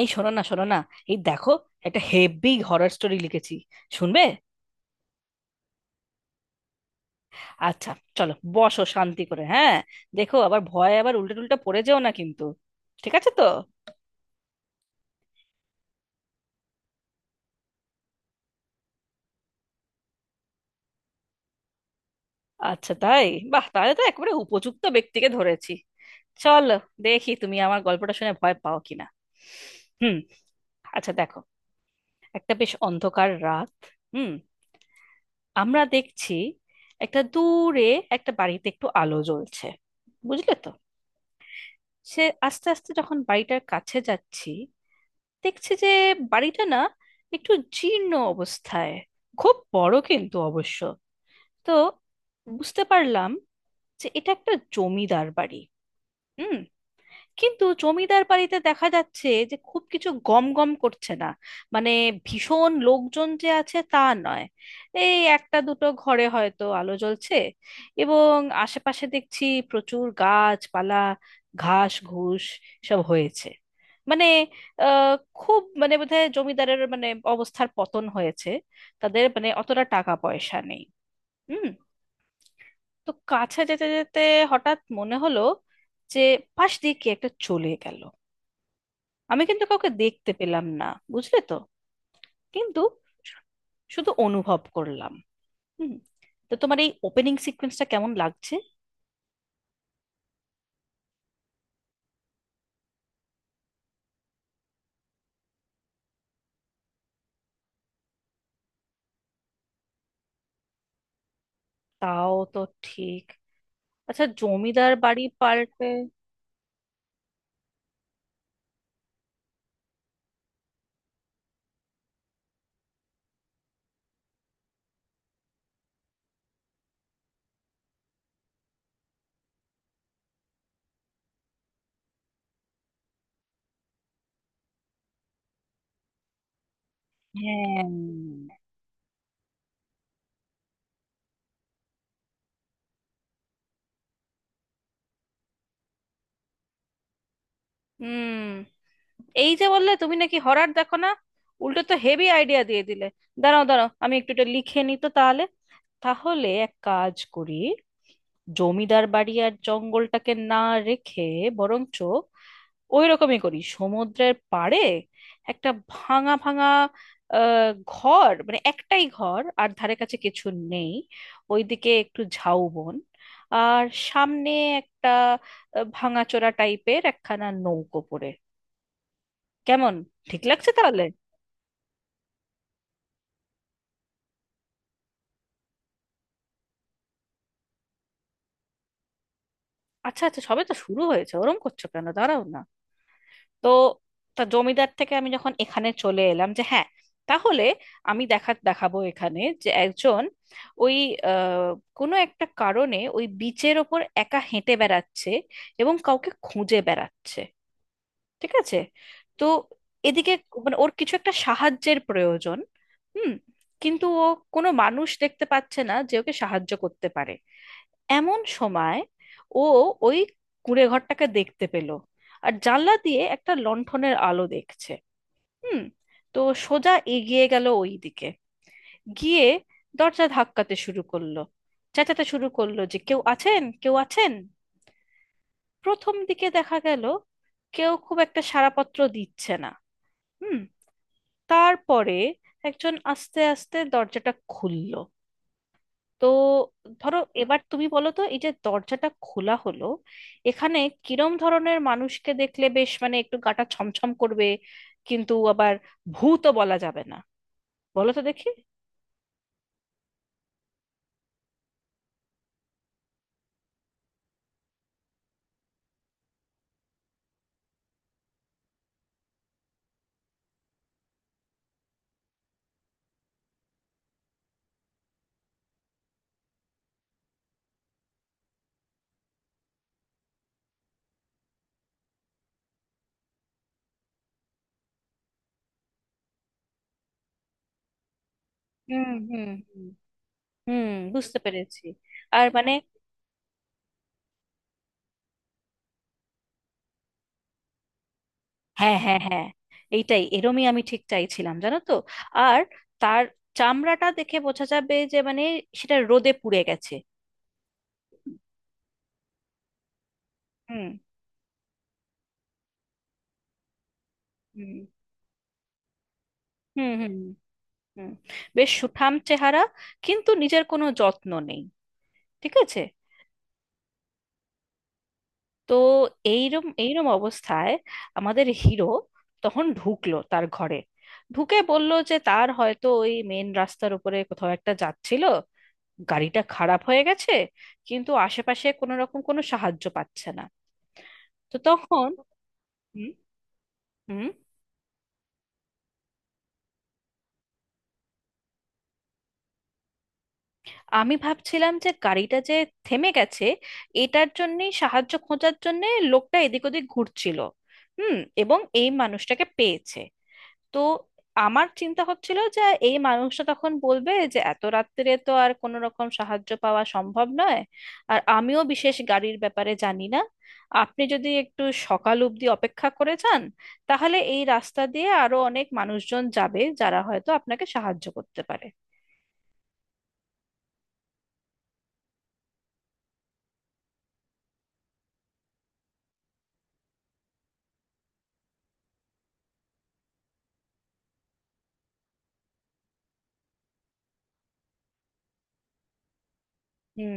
এই শোনো না, এই দেখো, একটা হেভি হরর স্টোরি লিখেছি। শুনবে? আচ্ছা, চলো বসো শান্তি করে। হ্যাঁ দেখো, আবার ভয়ে আবার উল্টে টুল্টা পড়ে যেও না কিন্তু। ঠিক আছে তো? আচ্ছা তাই? বাহ, তাহলে তো একেবারে উপযুক্ত ব্যক্তিকে ধরেছি। চলো, দেখি তুমি আমার গল্পটা শুনে ভয় পাও কিনা। হুম। আচ্ছা দেখো, একটা বেশ অন্ধকার রাত। হুম। আমরা দেখছি একটা দূরে, একটা বাড়িতে একটু আলো জ্বলছে। বুঝলে তো? সে আস্তে আস্তে যখন বাড়িটার কাছে যাচ্ছি, দেখছি যে বাড়িটা না একটু জীর্ণ অবস্থায়, খুব বড় কিন্তু অবশ্য। তো বুঝতে পারলাম যে এটা একটা জমিদার বাড়ি। হুম। কিন্তু জমিদার বাড়িতে দেখা যাচ্ছে যে খুব কিছু গম গম করছে না। মানে ভীষণ লোকজন যে আছে তা নয়। এই একটা দুটো ঘরে হয়তো আলো জ্বলছে। এবং আশেপাশে দেখছি প্রচুর গাছপালা, ঘাস ঘুষ সব হয়েছে। মানে আহ খুব মানে বোধহয় জমিদারের মানে অবস্থার পতন হয়েছে। তাদের মানে অতটা টাকা পয়সা নেই। হুম। তো কাছে যেতে যেতে হঠাৎ মনে হলো যে পাশ দিয়ে কি একটা চলে গেল। আমি কিন্তু কাউকে দেখতে পেলাম না, বুঝলে তো? কিন্তু শুধু অনুভব করলাম। হুম। তো তোমার এই ওপেনিং সিকোয়েন্সটা কেমন লাগছে? তাও তো ঠিক। আচ্ছা, জমিদার বাড়ি পাল্টে। হ্যাঁ। হুম। এই যে বললে তুমি নাকি হরর দেখো না, উল্টো তো হেভি আইডিয়া দিয়ে দিলে। দাঁড়াও দাঁড়াও আমি একটু এটা লিখে নিই তো তাহলে। তাহলে এক কাজ করি, জমিদার বাড়ি আর জঙ্গলটাকে না রেখে বরঞ্চ ওই রকমই করি সমুদ্রের পাড়ে একটা ভাঙা ভাঙা ঘর, মানে একটাই ঘর আর ধারে কাছে কিছু নেই। ওইদিকে একটু ঝাউবন, আর সামনে একটা ভাঙাচোরা টাইপের একখানা নৌকো পড়ে। কেমন, ঠিক লাগছে তাহলে? আচ্ছা আচ্ছা, সবে তো শুরু হয়েছে, ওরম করছো কেন, দাঁড়াও না। তো তা জমিদার থেকে আমি যখন এখানে চলে এলাম, যে হ্যাঁ তাহলে আমি দেখা দেখাবো এখানে যে একজন ওই আহ, কোনো একটা কারণে ওই বিচের ওপর একা হেঁটে বেড়াচ্ছে এবং কাউকে খুঁজে বেড়াচ্ছে। ঠিক আছে? তো এদিকে মানে ওর কিছু একটা সাহায্যের প্রয়োজন। হুম। কিন্তু ও কোনো মানুষ দেখতে পাচ্ছে না যে ওকে সাহায্য করতে পারে। এমন সময় ও ওই কুঁড়ে ঘরটাকে দেখতে পেল, আর জানলা দিয়ে একটা লণ্ঠনের আলো দেখছে। হুম। তো সোজা এগিয়ে গেল ওই দিকে, গিয়ে দরজা ধাক্কাতে শুরু করলো, চেঁচাতে শুরু করলো যে কেউ আছেন, কেউ আছেন। প্রথম দিকে দেখা গেল কেউ খুব একটা সাড়াপত্র দিচ্ছে না। হুম। তারপরে একজন আস্তে আস্তে দরজাটা খুলল। তো ধরো এবার তুমি বলো তো এই যে দরজাটা খোলা হলো, এখানে কিরম ধরনের মানুষকে দেখলে বেশ মানে একটু গাটা ছমছম করবে কিন্তু আবার ভূতও বলা যাবে না, বলো তো দেখি। হুম, হুম, বুঝতে পেরেছি। আর মানে হ্যাঁ হ্যাঁ হ্যাঁ, এইটাই এরমই আমি ঠিক চাইছিলাম, জানো তো? আর তার চামড়াটা দেখে বোঝা যাবে যে মানে সেটা রোদে পুড়ে গেছে। হুম। হুম। হুম, হুম। বেশ সুঠাম চেহারা, কিন্তু নিজের কোনো যত্ন নেই। ঠিক আছে? তো এইরম এইরম অবস্থায় আমাদের হিরো তখন ঢুকলো তার ঘরে, ঢুকে বলল যে তার হয়তো ওই মেন রাস্তার উপরে কোথাও একটা যাচ্ছিল, গাড়িটা খারাপ হয়ে গেছে, কিন্তু আশেপাশে কোনো রকম কোনো সাহায্য পাচ্ছে না। তো তখন হুম। হুম, আমি ভাবছিলাম যে গাড়িটা যে থেমে গেছে, এটার জন্যই সাহায্য খোঁজার জন্য লোকটা এদিক ওদিক ঘুরছিল। হুম। এবং এই মানুষটাকে পেয়েছে। তো আমার চিন্তা হচ্ছিল যে এই মানুষটা তখন বলবে যে এত রাত্রে তো আর কোনো রকম সাহায্য পাওয়া সম্ভব নয়, আর আমিও বিশেষ গাড়ির ব্যাপারে জানি না। আপনি যদি একটু সকাল অবধি অপেক্ষা করে যান, তাহলে এই রাস্তা দিয়ে আরো অনেক মানুষজন যাবে, যারা হয়তো আপনাকে সাহায্য করতে পারে। হুম।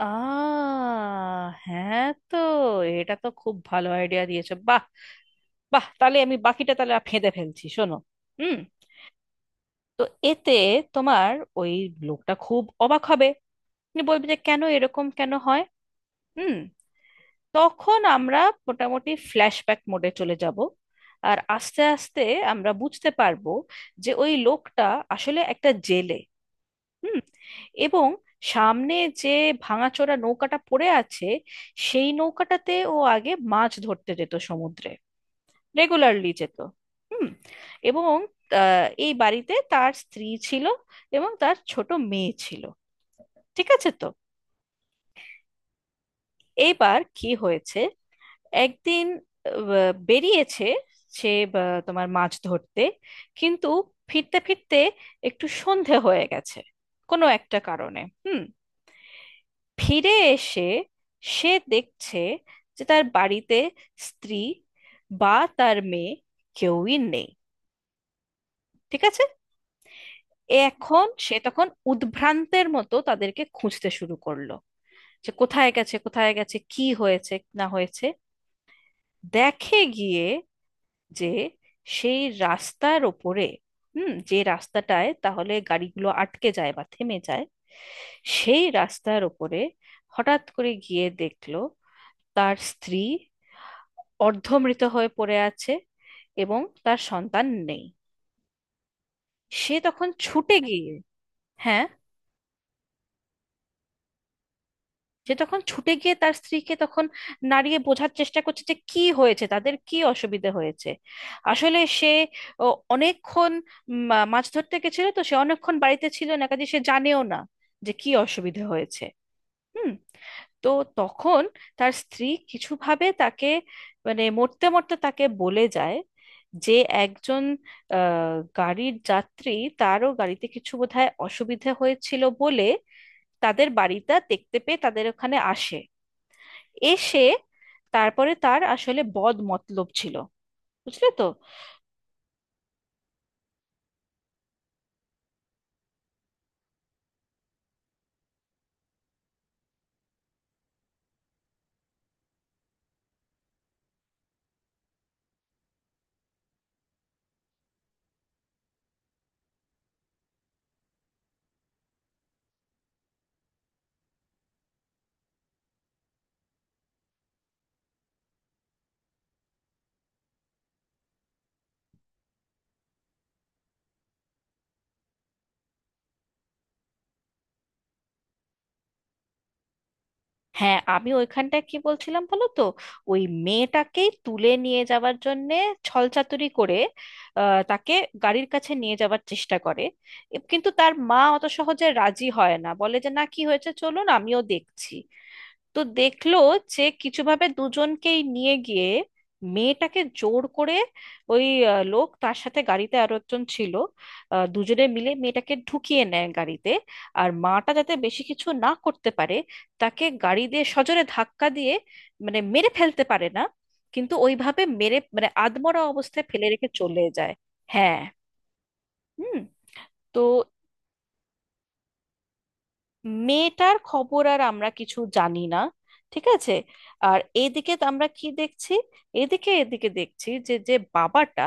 আহ হ্যাঁ, তো এটা তো খুব ভালো আইডিয়া দিয়েছো, বাহ। বাহ, তাহলে আমি বাকিটা তাহলে আর ফেঁদে ফেলছি, শোনো। হুম। তো এতে তোমার ওই লোকটা খুব অবাক হবে। উনি বলবে যে কেন এরকম, কেন হয়। হুম। তখন আমরা মোটামুটি ফ্ল্যাশব্যাক মোডে চলে যাব। আর আস্তে আস্তে আমরা বুঝতে পারবো যে ওই লোকটা আসলে একটা জেলে। হুম। এবং সামনে যে ভাঙাচোরা নৌকাটা পড়ে আছে, সেই নৌকাটাতে ও আগে মাছ ধরতে যেত সমুদ্রে, রেগুলারলি যেত। হুম। এবং এই বাড়িতে তার স্ত্রী ছিল এবং তার ছোট মেয়ে ছিল। ঠিক আছে তো? এইবার কি হয়েছে, একদিন বেরিয়েছে সে তোমার মাছ ধরতে। কিন্তু ফিরতে ফিরতে একটু সন্ধে হয়ে গেছে কোনো একটা কারণে। হুম। ফিরে এসে সে দেখছে যে তার বাড়িতে স্ত্রী বা তার মেয়ে কেউই নেই। ঠিক আছে? এখন সে তখন উদ্ভ্রান্তের মতো তাদেরকে খুঁজতে শুরু করলো যে কোথায় গেছে, কোথায় গেছে, কি হয়েছে না হয়েছে। দেখে গিয়ে যে সেই রাস্তার ওপরে, হুম, যে রাস্তাটায় তাহলে গাড়িগুলো আটকে যায় বা থেমে যায়, সেই রাস্তার ওপরে হঠাৎ করে গিয়ে দেখলো তার স্ত্রী অর্ধমৃত হয়ে পড়ে আছে, এবং তার সন্তান নেই। সে তখন ছুটে গিয়ে, হ্যাঁ, সে তখন ছুটে গিয়ে তার স্ত্রীকে তখন নাড়িয়ে বোঝার চেষ্টা করছে যে কি হয়েছে, তাদের কি অসুবিধা হয়েছে। আসলে সে ও, অনেকক্ষণ মাছ ধরতে গেছিল তো, সে অনেকক্ষণ বাড়িতে ছিল না কাজে, সে জানেও না যে কি অসুবিধা হয়েছে। হুম। তো তখন তার স্ত্রী কিছুভাবে তাকে, মানে মরতে মরতে তাকে বলে যায় যে একজন আহ, গাড়ির যাত্রী, তারও গাড়িতে কিছু বোধহয় অসুবিধে হয়েছিল বলে তাদের বাড়িটা দেখতে পেয়ে তাদের ওখানে আসে। এসে তারপরে তার আসলে বদ মতলব ছিল, বুঝলে তো? হ্যাঁ আমি ওইখানটায় কি বলছিলাম বলো তো, ওই মেয়েটাকেই তুলে নিয়ে যাওয়ার জন্যে ছলচাতুরি করে তাকে গাড়ির কাছে নিয়ে যাওয়ার চেষ্টা করে। কিন্তু তার মা অত সহজে রাজি হয় না, বলে যে না কি হয়েছে চলুন আমিও দেখছি। তো দেখলো যে কিছুভাবে দুজনকেই নিয়ে গিয়ে মেয়েটাকে জোর করে ওই লোক তার সাথে গাড়িতে আরো একজন ছিল, দুজনে মিলে মেয়েটাকে ঢুকিয়ে নেয় গাড়িতে। আর মাটা যাতে বেশি কিছু না করতে পারে, তাকে গাড়ি দিয়ে সজোরে ধাক্কা দিয়ে, মানে মেরে ফেলতে পারে না, কিন্তু ওইভাবে মেরে মানে আধমরা অবস্থায় ফেলে রেখে চলে যায়। হ্যাঁ। হুম। তো মেয়েটার খবর আর আমরা কিছু জানি না। ঠিক আছে? আর এদিকে তো আমরা কি দেখছি, এদিকে এদিকে দেখছি যে যে বাবাটা,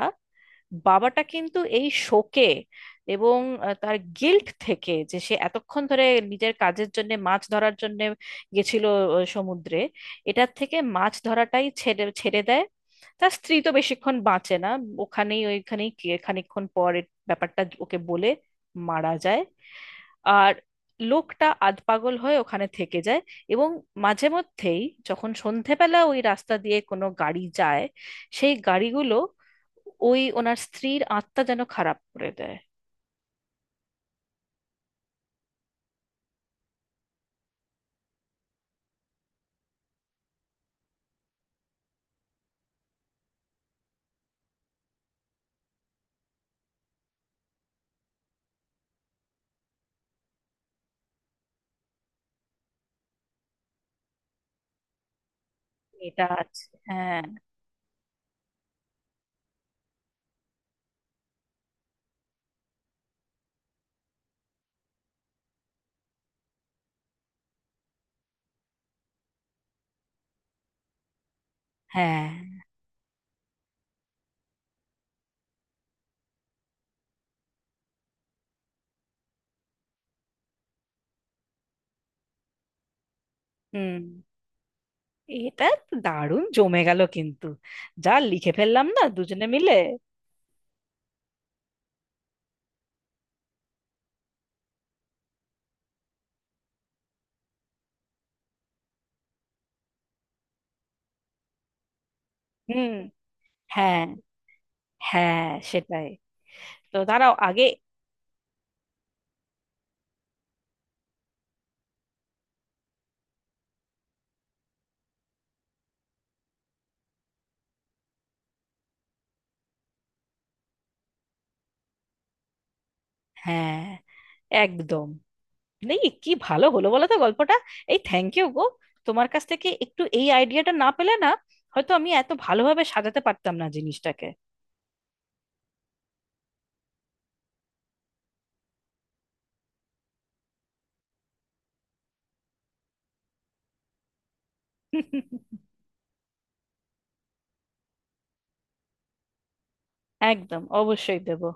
বাবাটা কিন্তু এই শোকে এবং তার গিল্ট থেকে যে সে এতক্ষণ ধরে নিজের কাজের জন্য মাছ ধরার জন্য গেছিল সমুদ্রে, এটার থেকে মাছ ধরাটাই ছেড়ে ছেড়ে দেয়। তার স্ত্রী তো বেশিক্ষণ বাঁচে না, ওখানেই ওইখানেই খানিকক্ষণ পর ব্যাপারটা ওকে বলে মারা যায়। আর লোকটা আধপাগল হয়ে ওখানে থেকে যায়, এবং মাঝে মধ্যেই যখন সন্ধেবেলা ওই রাস্তা দিয়ে কোনো গাড়ি যায়, সেই গাড়িগুলো ওই ওনার স্ত্রীর আত্মা যেন খারাপ করে দেয়। এটা আছে। হ্যাঁ। হ্যাঁ। হুম। এটা তো দারুণ জমে গেল কিন্তু, যা লিখে ফেললাম না দুজনে মিলে। হুম। হ্যাঁ। হ্যাঁ। সেটাই। তো দাঁড়াও আগে। হ্যাঁ। একদম। নেই কি ভালো হলো বলো তো গল্পটা। এই থ্যাংক ইউ গো, তোমার কাছ থেকে একটু এই আইডিয়াটা না পেলে না, হয়তো আমি এত ভালোভাবে সাজাতে পারতাম না জিনিসটাকে। একদম, অবশ্যই দেবো।